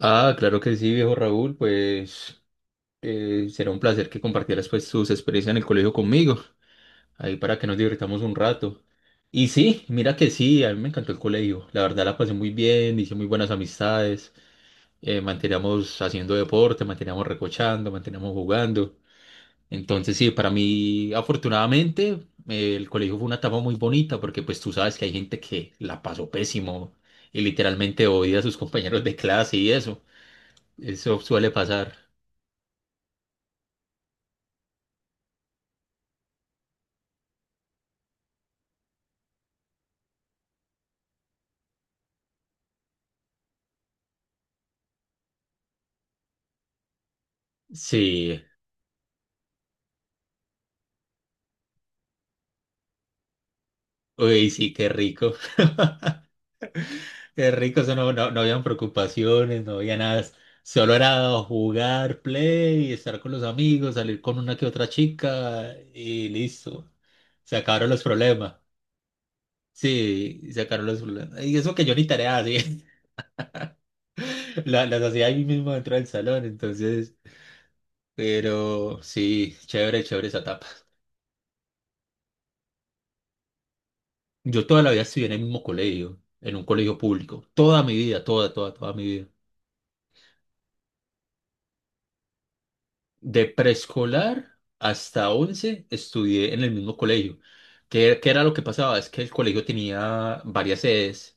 Ah, claro que sí, viejo Raúl, pues será un placer que compartieras pues tus experiencias en el colegio conmigo, ahí para que nos divirtamos un rato. Y sí, mira que sí, a mí me encantó el colegio, la verdad la pasé muy bien, hice muy buenas amistades, manteníamos haciendo deporte, manteníamos recochando, manteníamos jugando. Entonces sí, para mí afortunadamente el colegio fue una etapa muy bonita porque pues tú sabes que hay gente que la pasó pésimo y literalmente odia a sus compañeros de clase y eso suele pasar. Sí, uy, sí, qué rico. Qué rico, eso no, no, no habían preocupaciones, no había nada. Solo era jugar, play, estar con los amigos, salir con una que otra chica y listo. Se acabaron los problemas. Sí, se acabaron los problemas. Y eso que yo ni tarea hacía, las hacía ahí mismo dentro del salón, entonces. Pero sí, chévere, chévere esa etapa. Yo toda la vida estudié en el mismo colegio, en un colegio público. Toda mi vida, toda, toda, toda mi vida. De preescolar hasta 11 estudié en el mismo colegio. ¿Qué era lo que pasaba? Es que el colegio tenía varias sedes.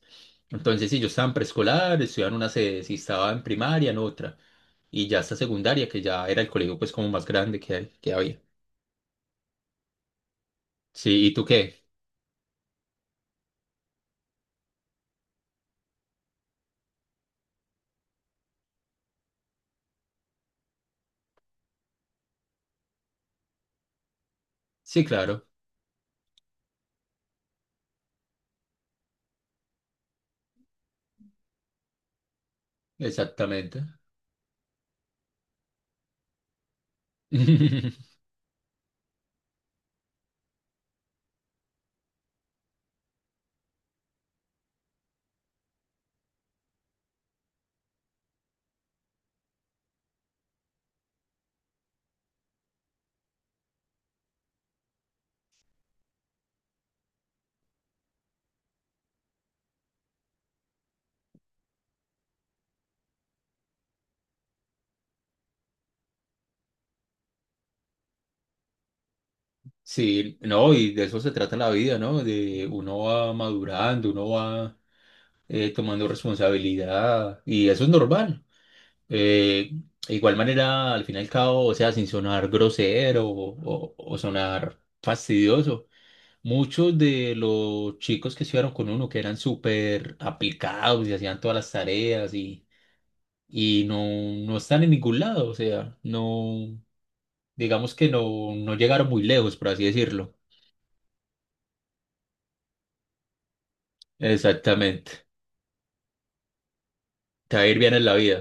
Entonces, si yo estaba en preescolar, estudiaba en una sede, si estaba en primaria, en otra. Y ya hasta secundaria, que ya era el colegio pues como más grande que había. Sí, ¿y tú qué? Sí, claro, exactamente. Sí, no, y de eso se trata la vida, ¿no? De uno va madurando, uno va tomando responsabilidad y eso es normal. Eh, de igual manera, al fin y al cabo, o sea, sin sonar grosero o sonar fastidioso, muchos de los chicos que estuvieron con uno, que eran súper aplicados y hacían todas las tareas y no, no están en ningún lado, o sea, no, digamos que no, no llegaron muy lejos, por así decirlo. Exactamente. Te va a ir bien en la vida,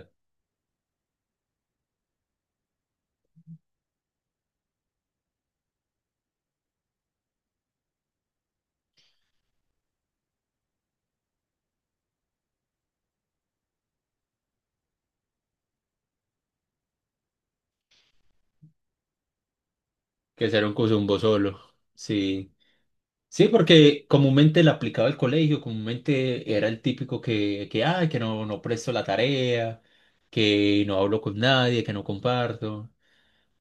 que ser un cosumbo solo. Sí. Sí, porque comúnmente la aplicaba el colegio, comúnmente era el típico que, ay, que no, no presto la tarea, que no hablo con nadie, que no comparto.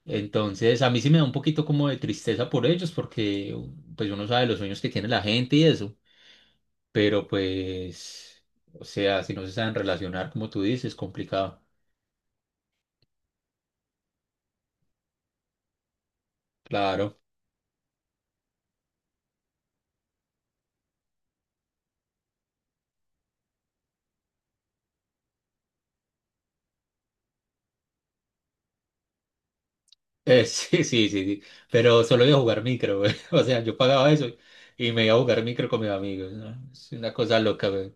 Entonces, a mí sí me da un poquito como de tristeza por ellos, porque pues uno sabe los sueños que tiene la gente y eso, pero pues, o sea, si no se saben relacionar, como tú dices, es complicado. Claro. Sí, sí, sí, sí, pero solo iba a jugar micro, güey. O sea, yo pagaba eso y me iba a jugar micro con mis amigos, ¿no? Es una cosa loca, güey.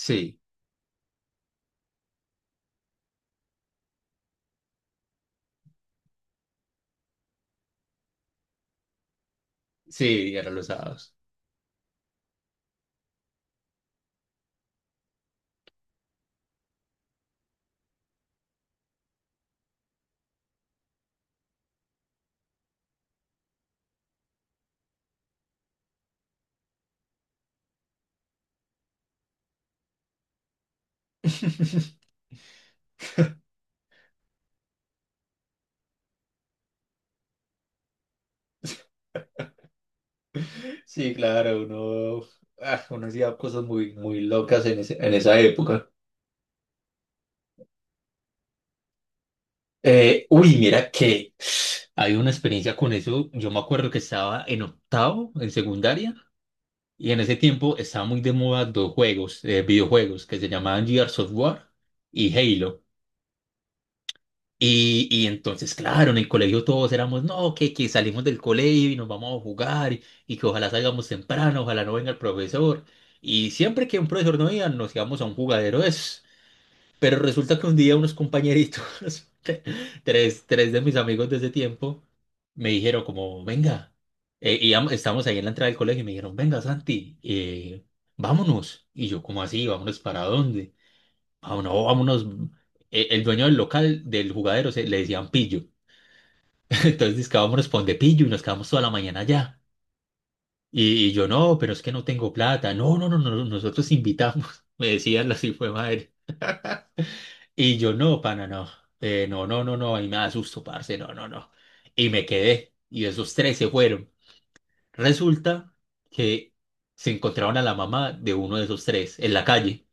Sí, sí, eran los sábados. Sí, claro, uno, ah, uno hacía cosas muy, muy locas en en esa época. Uy, mira que hay una experiencia con eso. Yo me acuerdo que estaba en octavo, en secundaria, y en ese tiempo estaba muy de moda dos juegos, videojuegos, que se llamaban Gears of War y Halo. Y entonces, claro, en el colegio todos éramos, no, que, salimos del colegio y nos vamos a jugar y que ojalá salgamos temprano, ojalá no venga el profesor. Y siempre que un profesor no iba, nos íbamos a un jugadero de esos. Pero resulta que un día unos compañeritos, te- tres de mis amigos de ese tiempo, me dijeron como, venga, estábamos ahí en la entrada del colegio y me dijeron, venga, Santi, vámonos. Y yo, como así? ¿Vámonos para dónde? Vámonos. El dueño del local, del jugadero, le decían pillo. Entonces dice que vámonos pa' donde pillo y nos quedamos toda la mañana allá. Y yo no, pero es que no tengo plata. No, no, no, no, no, nosotros invitamos. Me decían así fue madre. Y yo no, pana, no. No, no, no, no, ahí me asusto, parce, no, no, no. Y me quedé. Y esos tres se fueron. Resulta que se encontraron a la mamá de uno de esos tres en la calle.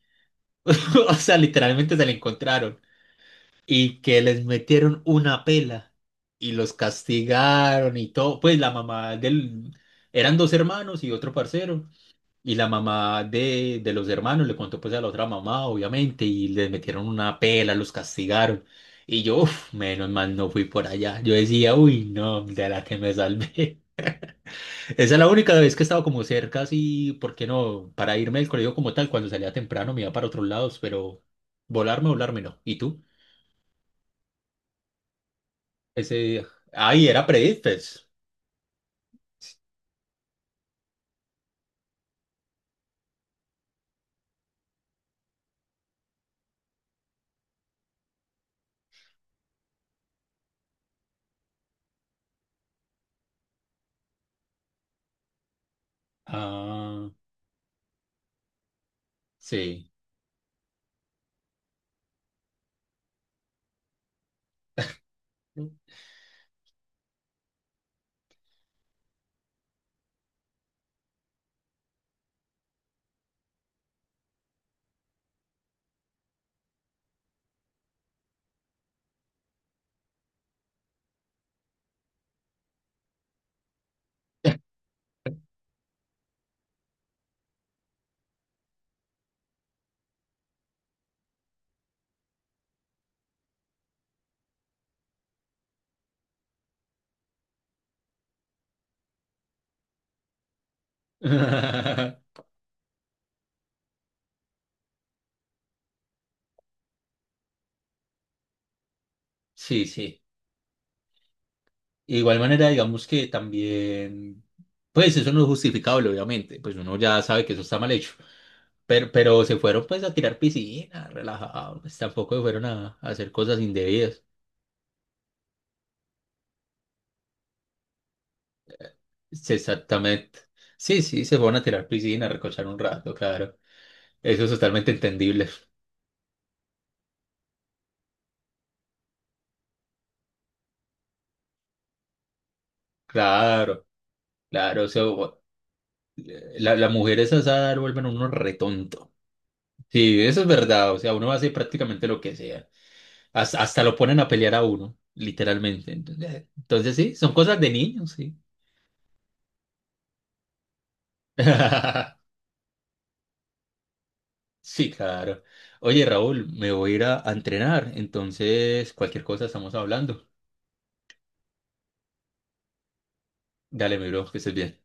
O sea, literalmente se la encontraron. Y que les metieron una pela y los castigaron y todo. Pues la mamá del... Eran dos hermanos y otro parcero. Y la mamá de los hermanos le contó pues a la otra mamá, obviamente, y les metieron una pela, los castigaron. Y yo, uf, menos mal no fui por allá. Yo decía, uy, no, de la que me salvé. Esa es la única vez que he estado como cerca, así, ¿por qué no? Para irme del colegio como tal, cuando salía temprano me iba para otros lados, pero volarme, volarme no. ¿Y tú? Ese día. Ay, era pre-IFES. Ah, sí. Sí, sí. De igual manera, digamos que también, pues eso no es justificable, obviamente, pues uno ya sabe que eso está mal hecho, pero se fueron pues a tirar piscina, relajados, pues, tampoco se fueron a hacer cosas indebidas. Sí, exactamente. Sí, sí, se fueron a tirar piscina, a recochar un rato, claro. Eso es totalmente entendible. Claro, claro, la mujer es asada, vuelven a uno retonto. Sí, eso es verdad. O sea, uno hace prácticamente lo que sea. Hasta lo ponen a pelear a uno, literalmente. Entonces, entonces sí, son cosas de niños, sí. Sí, claro. Oye, Raúl, me voy a ir a entrenar. Entonces, cualquier cosa estamos hablando. Dale, mi bro, que estés bien.